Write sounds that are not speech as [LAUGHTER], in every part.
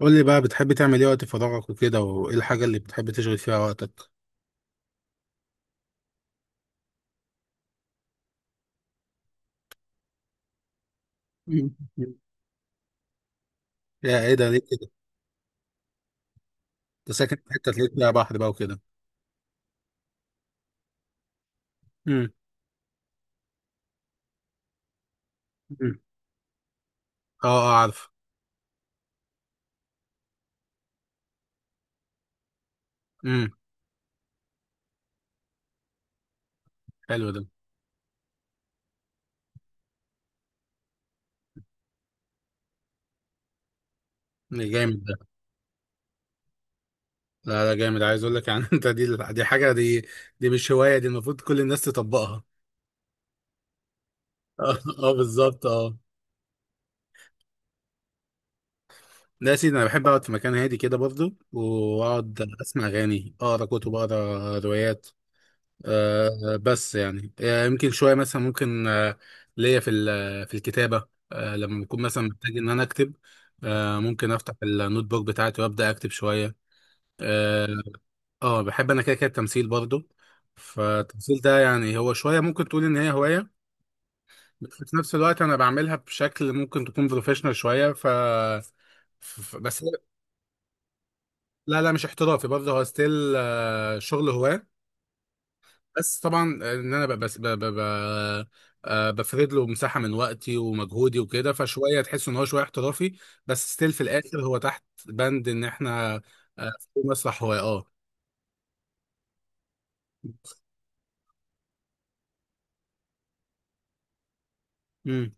قول لي بقى، بتحب تعمل ايه وقت فراغك وكده؟ وايه الحاجة اللي بتحب تشغل فيها وقتك؟ [LAUGHS] مم. يا ايه ده ليه كده؟ انت ساكن في حتة تلاقي فيها بحر بقى وكده؟ امم. مم. اه، اه، عارف. امم. حلو ده. ده جامد ده. لا، لا، جامد، عايز اقول لك يعني. [LAUGHS] انت دي حاجة دي. دي مش هواية، دي المفروض كل الناس تطبقها. [LAUGHS] اه، بالظبط، اه. لا يا سيدي، انا بحب اقعد في مكان هادي كده برضه، واقعد اسمع اغاني، اقرا كتب، اقرا روايات. بس يعني، يمكن شويه مثلا، ممكن ليا في في الكتابه، لما بكون مثلا محتاج ان انا اكتب. ممكن افتح النوت بوك بتاعتي وابدا اكتب شويه. اه. بحب انا كده كده التمثيل برضو. فالتمثيل ده يعني هو شويه ممكن تقول ان هي هوايه، بس في نفس الوقت انا بعملها بشكل ممكن تكون بروفيشنال شويه. بس. لا، لا، مش احترافي برضه، هو ستيل شغل هواه. بس طبعا، ان انا ب- بس ب- ب- ب- آه، بفرد له مساحه من وقتي ومجهودي وكده، فشويه تحس ان هو شويه احترافي. بس ستيل في الاخر هو تحت بند ان احنا في مسرح هو. اه. امم.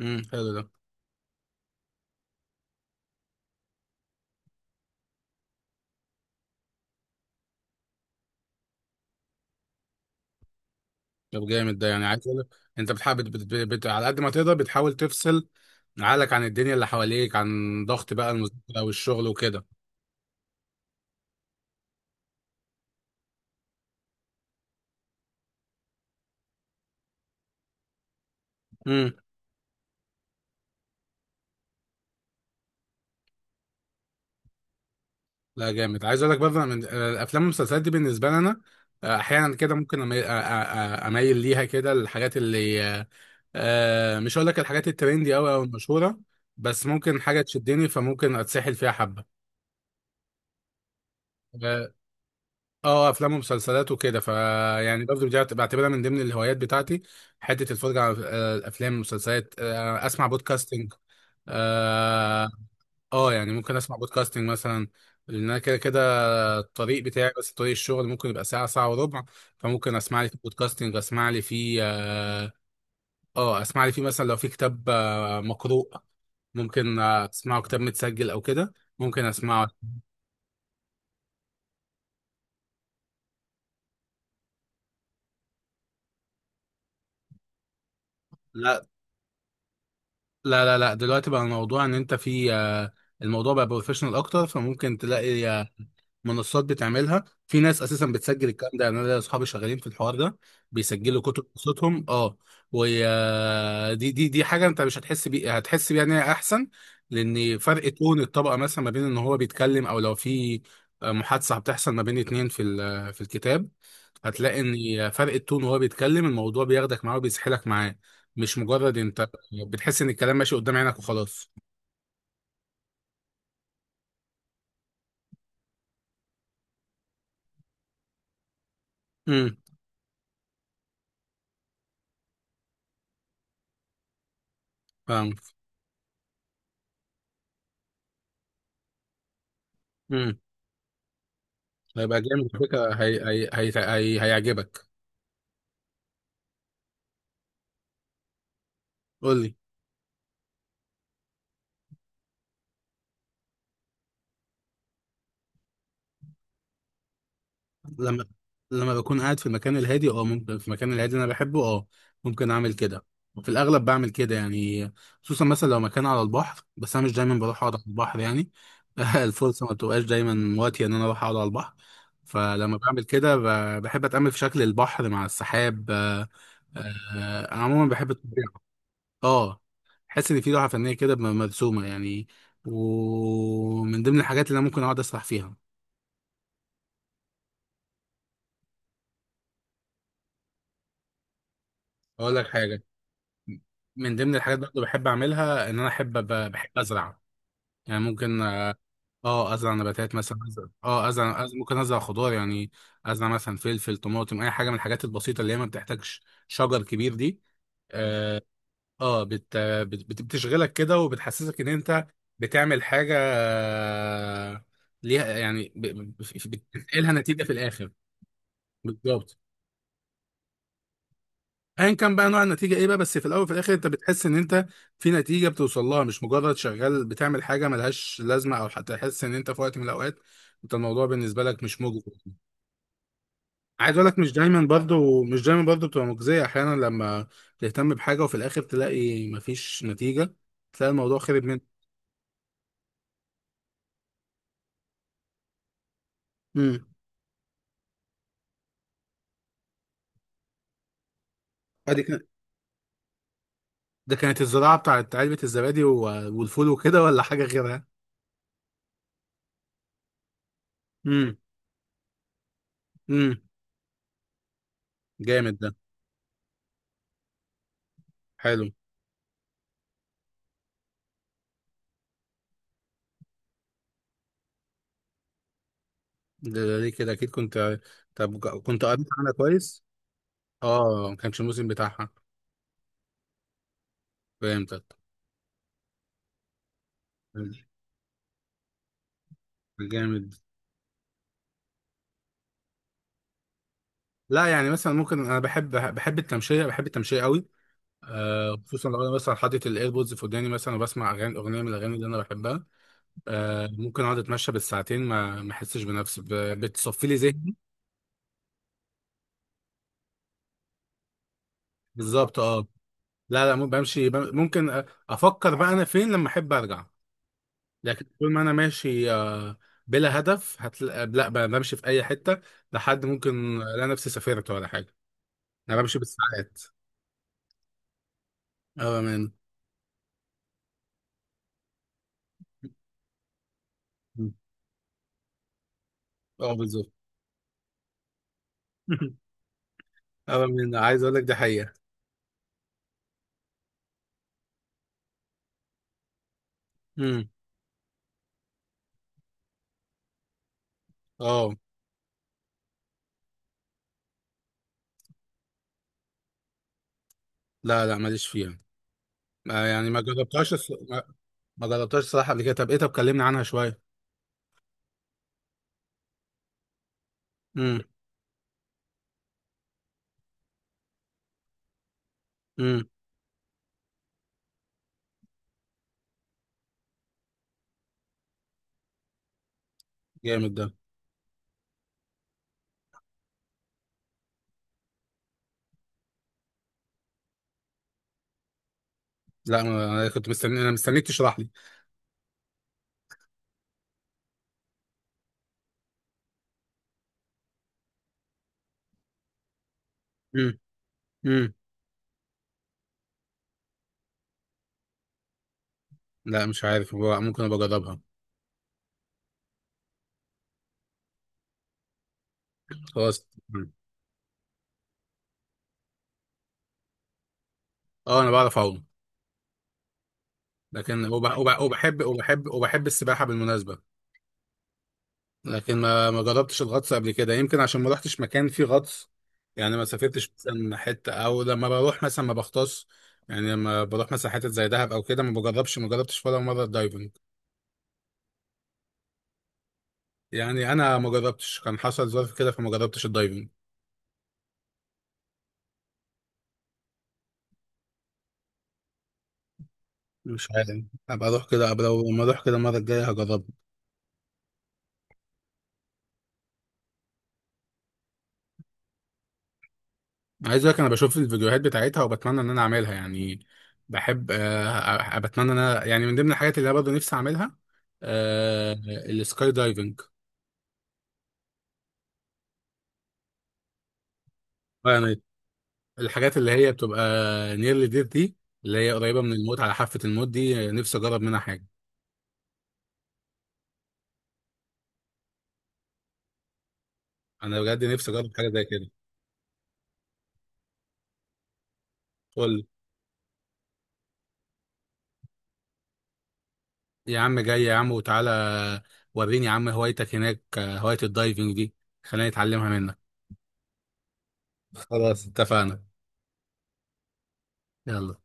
امم. حلو ده. طب جامد ده، يعني عايز اقول لك، انت بتحاول بت بت بت على قد ما تقدر بتحاول تفصل عقلك عن الدنيا اللي حواليك، عن ضغط بقى المذاكره والشغل وكده. لا جامد، عايز اقول لك برضه، أنا من الافلام والمسلسلات دي بالنسبه لي انا احيانا كده ممكن اميل ليها كده، الحاجات اللي مش هقول لك الحاجات الترندي قوي او المشهوره، بس ممكن حاجه تشدني فممكن اتسحل فيها حبه. اه، افلام ومسلسلات وكده، فيعني برضه دي بعتبرها من ضمن الهوايات بتاعتي. حته الفرجه على الافلام والمسلسلات، اسمع بودكاستنج. اه. يعني ممكن اسمع بودكاستنج مثلا، لان انا كده كده الطريق بتاعي، بس طريق الشغل ممكن يبقى ساعة ساعة وربع، فممكن اسمع لي في بودكاستنج، اسمع لي في مثلا لو في كتاب مقروء. ممكن اسمعه كتاب متسجل او كده، ممكن اسمعه. لا، لا، لا، لا، دلوقتي بقى الموضوع ان انت في الموضوع بقى بروفيشنال اكتر، فممكن تلاقي منصات بتعملها، في ناس اساسا بتسجل الكلام ده. يعني انا ليا اصحابي شغالين في الحوار ده، بيسجلوا كتب قصتهم. اه. ودي دي دي حاجه انت مش هتحس بيها، هتحس بيها ان هي احسن. لان فرق تون الطبقه مثلا ما بين ان هو بيتكلم او لو في محادثه بتحصل ما بين اتنين في في الكتاب، هتلاقي ان فرق التون وهو بيتكلم الموضوع بياخدك معاه وبيسحلك معاه، مش مجرد انت بتحس ان الكلام ماشي قدام عينك وخلاص. امم. فاهم. امم. هيبقى جامد على فكره، هيعجبك. قول لي. لما لما بكون قاعد في المكان الهادي، ممكن في المكان الهادي اللي انا بحبه، ممكن اعمل كده. وفي الاغلب بعمل كده يعني، خصوصا مثلا لو مكان على البحر، بس انا مش دايما بروح اقعد على البحر يعني. [LAUGHS] الفرصه ما بتبقاش دايما وقتي ان انا اروح اقعد على البحر. فلما بعمل كده بحب اتامل في شكل البحر مع السحاب. انا عموما بحب الطبيعه. اه، حاسس ان في لوحه فنيه كده مرسومه يعني، ومن ضمن الحاجات اللي انا ممكن اقعد اسرح فيها. اقول لك حاجه، من ضمن الحاجات برضه بحب اعملها ان انا احب بحب ازرع. يعني ممكن ازرع نباتات مثلا، ممكن ازرع خضار يعني، ازرع مثلا فلفل، طماطم، اي حاجه من الحاجات البسيطه اللي هي ما بتحتاجش شجر كبير دي. آه، بتشغلك كده وبتحسسك ان انت بتعمل حاجه ليها يعني، بتنقلها نتيجه في الاخر. بالظبط. ايا كان بقى نوع النتيجه ايه بقى، بس في الاول وفي الاخر انت بتحس ان انت في نتيجه بتوصل لها، مش مجرد شغال بتعمل حاجه ملهاش لازمه، او حتى تحس ان انت في وقت من الاوقات انت الموضوع بالنسبه لك مش مجزي. عايز اقول لك، مش دايما برضو، مش دايما برضو بتبقى مجزيه، احيانا لما تهتم بحاجه وفي الاخر تلاقي مفيش نتيجه، تلاقي الموضوع خرب منك. امم. ادي. ده كانت الزراعة بتاعت علبة الزبادي والفول وكده، ولا حاجة غيرها؟ امم. امم. جامد ده. حلو ده. ده ليه كده؟ اكيد كنت، طب كنت قريت عنها كويس؟ اه، ما كانش الموسم بتاعها. فهمتك. جامد. لا، يعني مثلا ممكن، انا بحب التمشية، بحب التمشية قوي. خصوصا لو انا مثلا حاطط الايربودز في وداني مثلا، وبسمع اغاني اغنيه من الاغاني اللي انا بحبها. ممكن اقعد اتمشى بالساعتين، ما احسش بنفسي بتصفي لي ذهني. بالظبط، اه. لا، لا، بمشي ممكن افكر بقى انا فين لما احب ارجع. لكن طول ما انا ماشي بلا هدف هتلاقي، لا، بمشي في اي حته، لحد ممكن لا نفسي سافرت ولا حاجه، انا بمشي بالساعات. اه من اه بالظبط. [LAUGHS] اه من عايز اقول لك دي حقيقه. مم. اه، لا، لا، ماليش فيها. يعني ما جربتهاش ما جربتهاش الصراحه قبل كده. طب كلمني عنها شويه. امم. امم. جامد ده. لا، انا كنت مستني، انا مستنيك تشرح لي. امم. لا، مش عارف، هو ممكن ابقى اجربها. خلاص. اه، انا بعرف اعوم، لكن وبحب السباحه بالمناسبه. لكن ما جربتش الغطس قبل كده، يمكن عشان ما رحتش مكان فيه غطس. يعني ما سافرتش مثلا حته، او لما بروح مثلا ما بغطس. يعني لما بروح مثلا حتت زي دهب او كده ما بجربش، ما جربتش ولا مره الدايفنج. يعني انا ما جربتش، كان حصل ظرف كده فما جربتش الدايفنج. مش عارف، ابقى اروح كده، ابقى لو ما اروح كده المره الجايه هجربها. عايز اقول لك، انا بشوف الفيديوهات بتاعتها وبتمنى ان انا اعملها يعني. بحب آه، آه، بتمنى ان انا يعني من ضمن الحاجات اللي انا برضه نفسي اعملها آه، السكاي دايفنج. يعني الحاجات اللي هي بتبقى نيرلي ديث دي، اللي هي قريبه من الموت، على حافه الموت دي، نفسي اجرب منها حاجه. انا بجد نفسي اجرب حاجه زي كده. قول لي، يا عم جاي يا عم وتعالى. وريني يا عم هوايتك هناك، هوايه الدايفنج دي، خليني اتعلمها منك. خلاص اتفقنا. يلا.